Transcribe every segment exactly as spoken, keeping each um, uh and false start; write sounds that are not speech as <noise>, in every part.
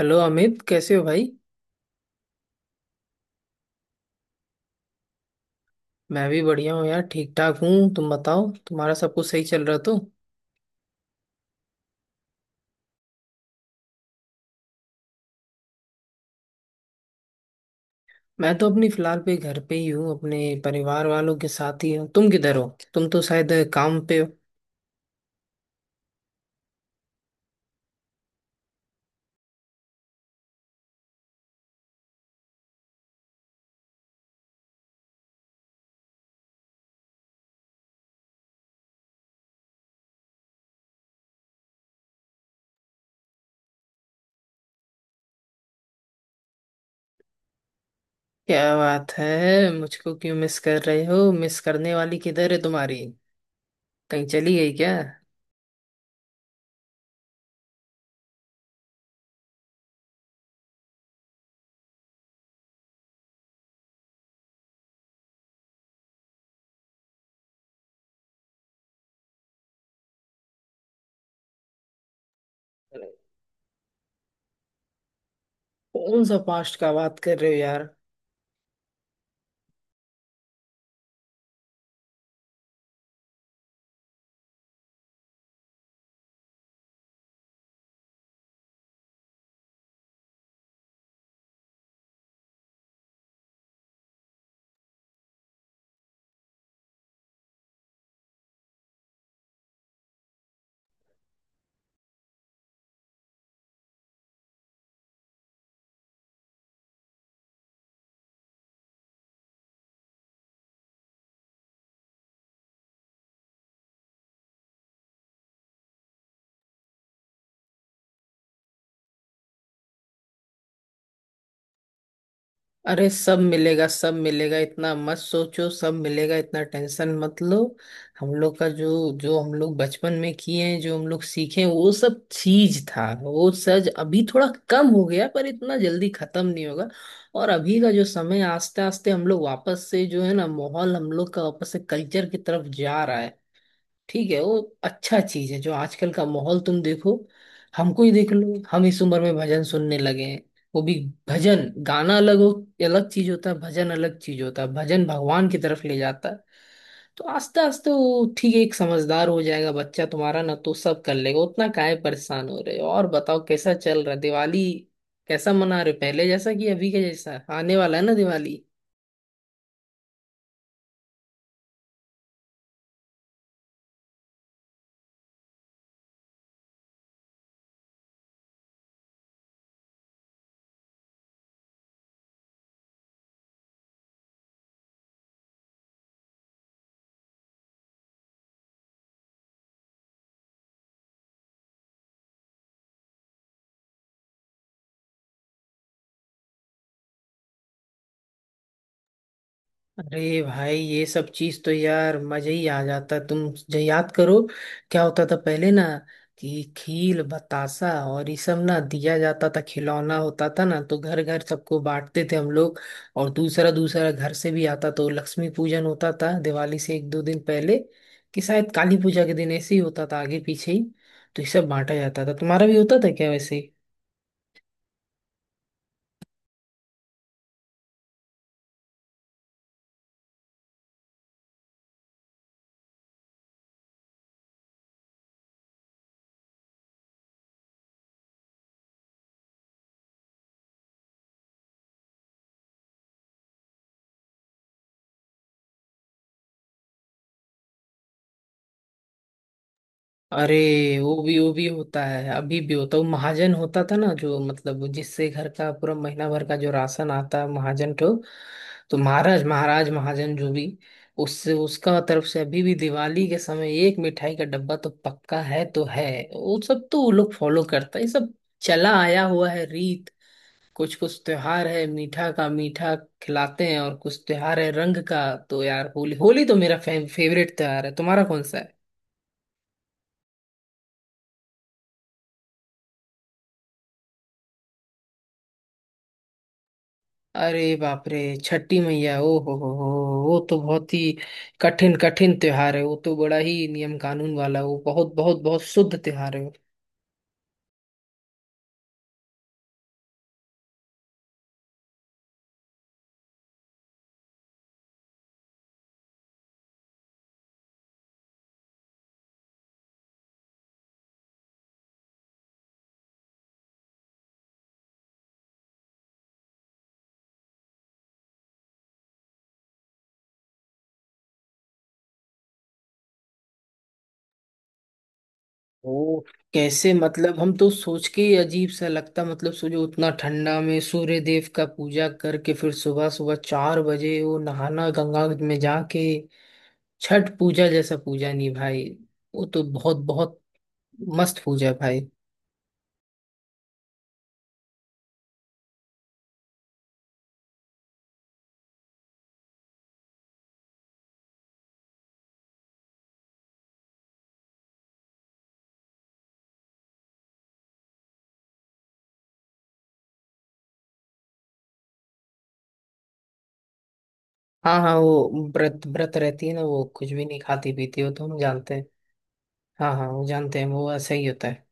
Hello Amit कैसे हो भाई। मैं भी बढ़िया हूँ यार, ठीक ठाक हूँ। तुम बताओ, तुम्हारा सब कुछ सही चल रहा तो? मैं तो अपनी फिलहाल पे घर पे ही हूँ, अपने परिवार वालों के साथ ही हूँ। तुम किधर हो? तुम तो शायद काम पे हो। क्या बात है, मुझको क्यों मिस कर रहे हो? मिस करने वाली किधर है तुम्हारी? कहीं चली गई क्या? कौन सा पास्ट का बात कर रहे हो यार? अरे सब मिलेगा, सब मिलेगा, इतना मत सोचो, सब मिलेगा। इतना टेंशन मत लो। हम लोग का जो जो हम लोग बचपन में किए हैं, जो हम लोग सीखे हैं, वो सब चीज था, वो सज अभी थोड़ा कम हो गया, पर इतना जल्दी खत्म नहीं होगा। और अभी का जो समय, आस्ते आस्ते हम लोग वापस से, जो है ना, माहौल हम लोग का वापस से कल्चर की तरफ जा रहा है। ठीक है, वो अच्छा चीज है। जो आजकल का माहौल तुम देखो, हमको ही देख लो, हम इस उम्र में भजन सुनने लगे हैं। वो भी भजन गाना अलग हो, अलग चीज होता है, भजन अलग चीज होता है। भजन भगवान की तरफ ले जाता है। तो आस्ते आस्ते वो ठीक है, एक समझदार हो जाएगा बच्चा तुम्हारा ना, तो सब कर लेगा, उतना काहे परेशान हो रहे हो? और बताओ, कैसा चल रहा है दिवाली? कैसा मना रहे हो? पहले जैसा कि अभी के जैसा आने वाला है ना दिवाली? अरे भाई ये सब चीज तो यार मजा ही आ जाता तुम जो याद करो। क्या होता था पहले ना, कि खील बतासा और ये सब ना दिया जाता था, खिलौना होता था ना, तो घर घर सबको बांटते थे हम लोग। और दूसरा दूसरा घर से भी आता, तो लक्ष्मी पूजन होता था दिवाली से एक दो दिन पहले, कि शायद काली पूजा के दिन, ऐसे ही होता था आगे पीछे ही। तो ये सब बांटा जाता था। तुम्हारा भी होता था क्या वैसे? अरे वो भी वो भी होता है, अभी भी होता है। वो महाजन होता था ना जो, मतलब जिससे घर का पूरा महीना भर का जो राशन आता है महाजन को, तो महाराज महाराज महाजन जो भी, उससे उसका तरफ से अभी भी दिवाली के समय एक मिठाई का डब्बा तो पक्का है तो है। वो सब तो वो लोग फॉलो करता है, ये सब चला आया हुआ है रीत। कुछ कुछ त्योहार है मीठा का, मीठा खिलाते हैं, और कुछ त्योहार है रंग का। तो यार होली, होली तो मेरा फे, फेवरेट त्योहार है। तुम्हारा कौन सा है? अरे बाप रे, छठी मैया, ओ हो हो हो वो तो बहुत ही कठिन कठिन त्योहार है। वो तो बड़ा ही नियम कानून वाला, वो बहुत बहुत बहुत शुद्ध त्योहार है। वो कैसे, मतलब हम तो सोच के ही अजीब सा लगता। मतलब सोचो, उतना ठंडा में सूर्य देव का पूजा करके फिर सुबह सुबह चार बजे वो नहाना गंगा में जाके। छठ पूजा जैसा पूजा नहीं भाई, वो तो बहुत बहुत मस्त पूजा है भाई। हाँ, हाँ, वो व्रत व्रत रहती है ना, वो कुछ भी नहीं खाती पीती, वो तो हम जानते हैं। हाँ, हाँ, वो जानते हैं, वो ऐसा ही होता है।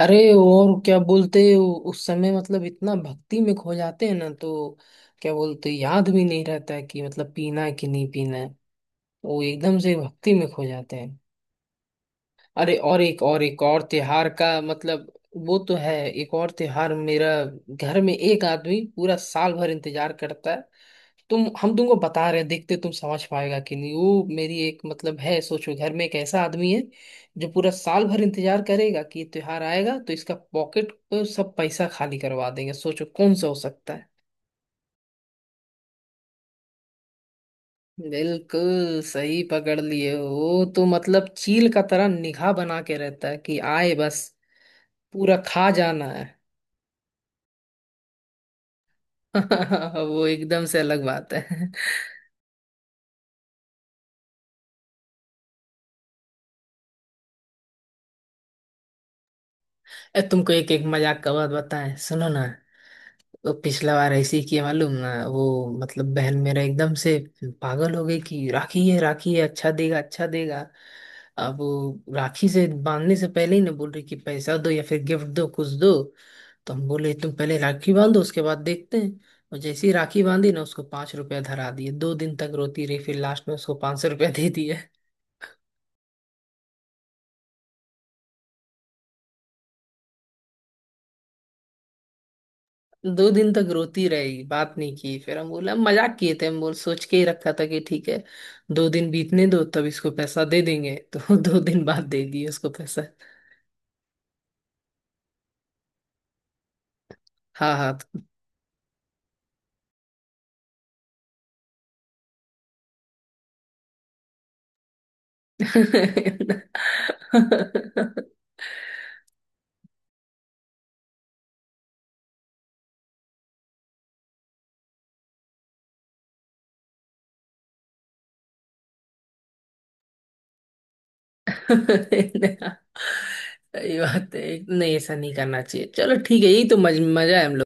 अरे और क्या बोलते उ- उस समय, मतलब इतना भक्ति में खो जाते हैं ना तो क्या बोलते हैं, याद भी नहीं रहता है कि मतलब पीना है कि नहीं पीना है। वो एकदम से भक्ति में खो जाते हैं। अरे और एक और एक और त्योहार का मतलब, वो तो है एक और त्योहार मेरा। घर में एक आदमी पूरा साल भर इंतजार करता है। तुम, हम तुमको बता रहे हैं, देखते तुम समझ पाएगा कि नहीं। वो मेरी एक मतलब है, सोचो घर में एक ऐसा आदमी है जो पूरा साल भर इंतजार करेगा कि ये त्योहार आएगा तो इसका पॉकेट को सब पैसा खाली करवा देंगे। सोचो कौन सा हो सकता है? बिल्कुल सही पकड़ लिए हो। वो तो मतलब चील का तरह निगाह बना के रहता है कि आए बस पूरा खा जाना है। <laughs> वो एकदम से अलग बात है। ए, तुमको एक एक मजाक का बात बताएं, सुनो ना। वो पिछला बार ऐसे ही किया मालूम ना वो, मतलब बहन मेरा एकदम से पागल हो गई कि राखी है राखी है, अच्छा देगा अच्छा देगा। अब वो राखी से बांधने से पहले ही ना बोल रही कि पैसा दो या फिर गिफ्ट दो, कुछ दो। तो हम बोले तुम पहले राखी बांधो, उसके बाद देखते हैं। और जैसे ही राखी बांधी ना, उसको पांच रुपया धरा दिए, दो दिन तक रोती रही, फिर लास्ट में उसको पांच सौ रुपया दे दिए। दो दिन तक रोती रही, बात नहीं की, फिर हम बोला मजाक किए थे, हम बोल सोच के ही रखा था कि ठीक है दो दिन बीतने दो तब इसको पैसा दे देंगे। <laughs> तो दो दिन बाद दे दिए उसको पैसा। हाँ, हाँ। <laughs> सही बात है, नहीं ऐसा नहीं करना चाहिए, चलो ठीक है, यही तो मज, मजा है हम लोग।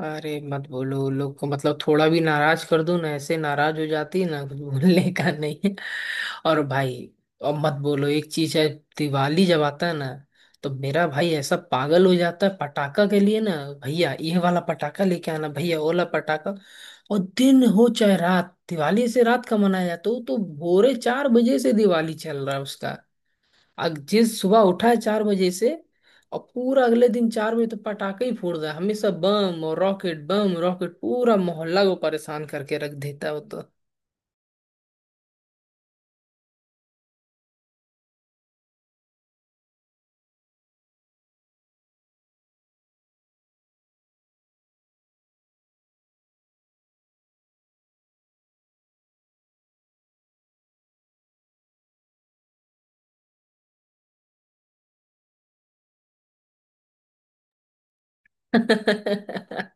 अरे मत बोलो उन लोग को, मतलब थोड़ा भी नाराज कर दो ना, ऐसे नाराज हो जाती है ना, कुछ बोलने का नहीं है। और भाई, और मत बोलो, एक चीज है, दिवाली जब आता है ना, तो मेरा भाई ऐसा पागल हो जाता है पटाखा के लिए ना। भैया ये वाला पटाखा लेके आना, भैया वो वाला पटाखा। और दिन हो चाहे रात, दिवाली से रात का मनाया जाता है, वो तो भोरे चार बजे से दिवाली चल रहा है उसका। अग- जिस सुबह उठा है चार बजे से, और पूरा अगले दिन चार बजे तो पटाखे ही फोड़ रहा है हमेशा, बम और रॉकेट, बम रॉकेट, पूरा मोहल्ला को परेशान करके रख देता है वो तो। <laughs> अरे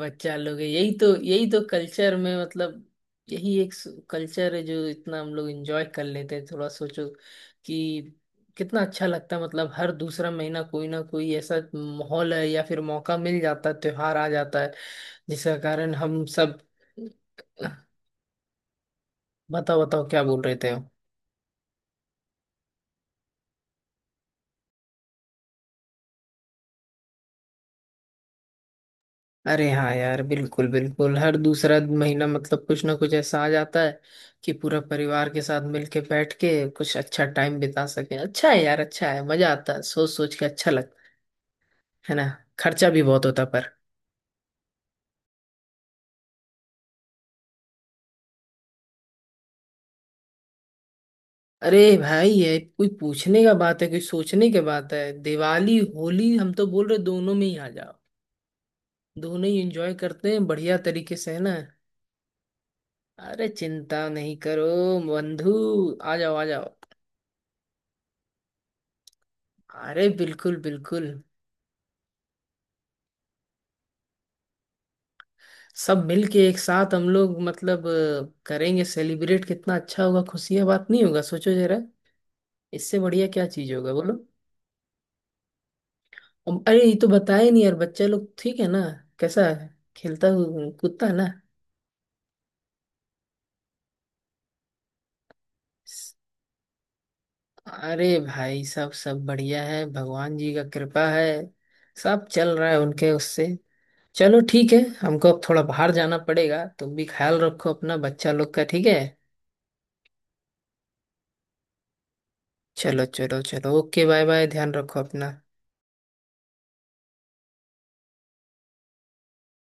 बच्चा लोग है, यही तो, यही तो कल्चर में मतलब, यही एक कल्चर है जो इतना हम लोग एंजॉय कर लेते हैं। थोड़ा सोचो कि कितना अच्छा लगता है। मतलब हर दूसरा महीना कोई ना कोई ऐसा माहौल है या फिर मौका मिल जाता है, त्योहार आ जाता है जिसका कारण हम सब, बताओ बताओ क्या बोल रहे थे? अरे हाँ यार, बिल्कुल बिल्कुल, हर दूसरा महीना मतलब कुछ ना कुछ ऐसा आ जाता है कि पूरा परिवार के साथ मिलके बैठ के कुछ अच्छा टाइम बिता सके। अच्छा है यार, अच्छा है, मजा आता है, सोच सोच के अच्छा लगता है। है ना? खर्चा भी बहुत होता पर। अरे भाई, ये कोई पूछने का बात है, कोई सोचने की बात है? दिवाली होली, हम तो बोल रहे दोनों में ही आ जाओ। दोनों ही एंजॉय करते हैं बढ़िया तरीके से, है ना? अरे चिंता नहीं करो बंधु, आ जाओ आ जाओ। अरे बिल्कुल बिल्कुल, सब मिलके एक साथ हम लोग मतलब अ, करेंगे सेलिब्रेट, कितना अच्छा होगा, खुशी है बात नहीं होगा, सोचो जरा। इससे बढ़िया क्या चीज होगा बोलो? अम, अरे ये तो बताया नहीं यार, बच्चा लोग ठीक है ना? कैसा है, खेलता हु- कूदता है ना? स- अरे भाई, सब सब बढ़िया है, भगवान जी का कृपा है, सब चल रहा है उनके उससे। चलो ठीक है, हमको अब थोड़ा बाहर जाना पड़ेगा। तुम भी ख्याल रखो अपना बच्चा लोग का, ठीक है? चलो चलो चलो, ओके बाय बाय, ध्यान रखो अपना।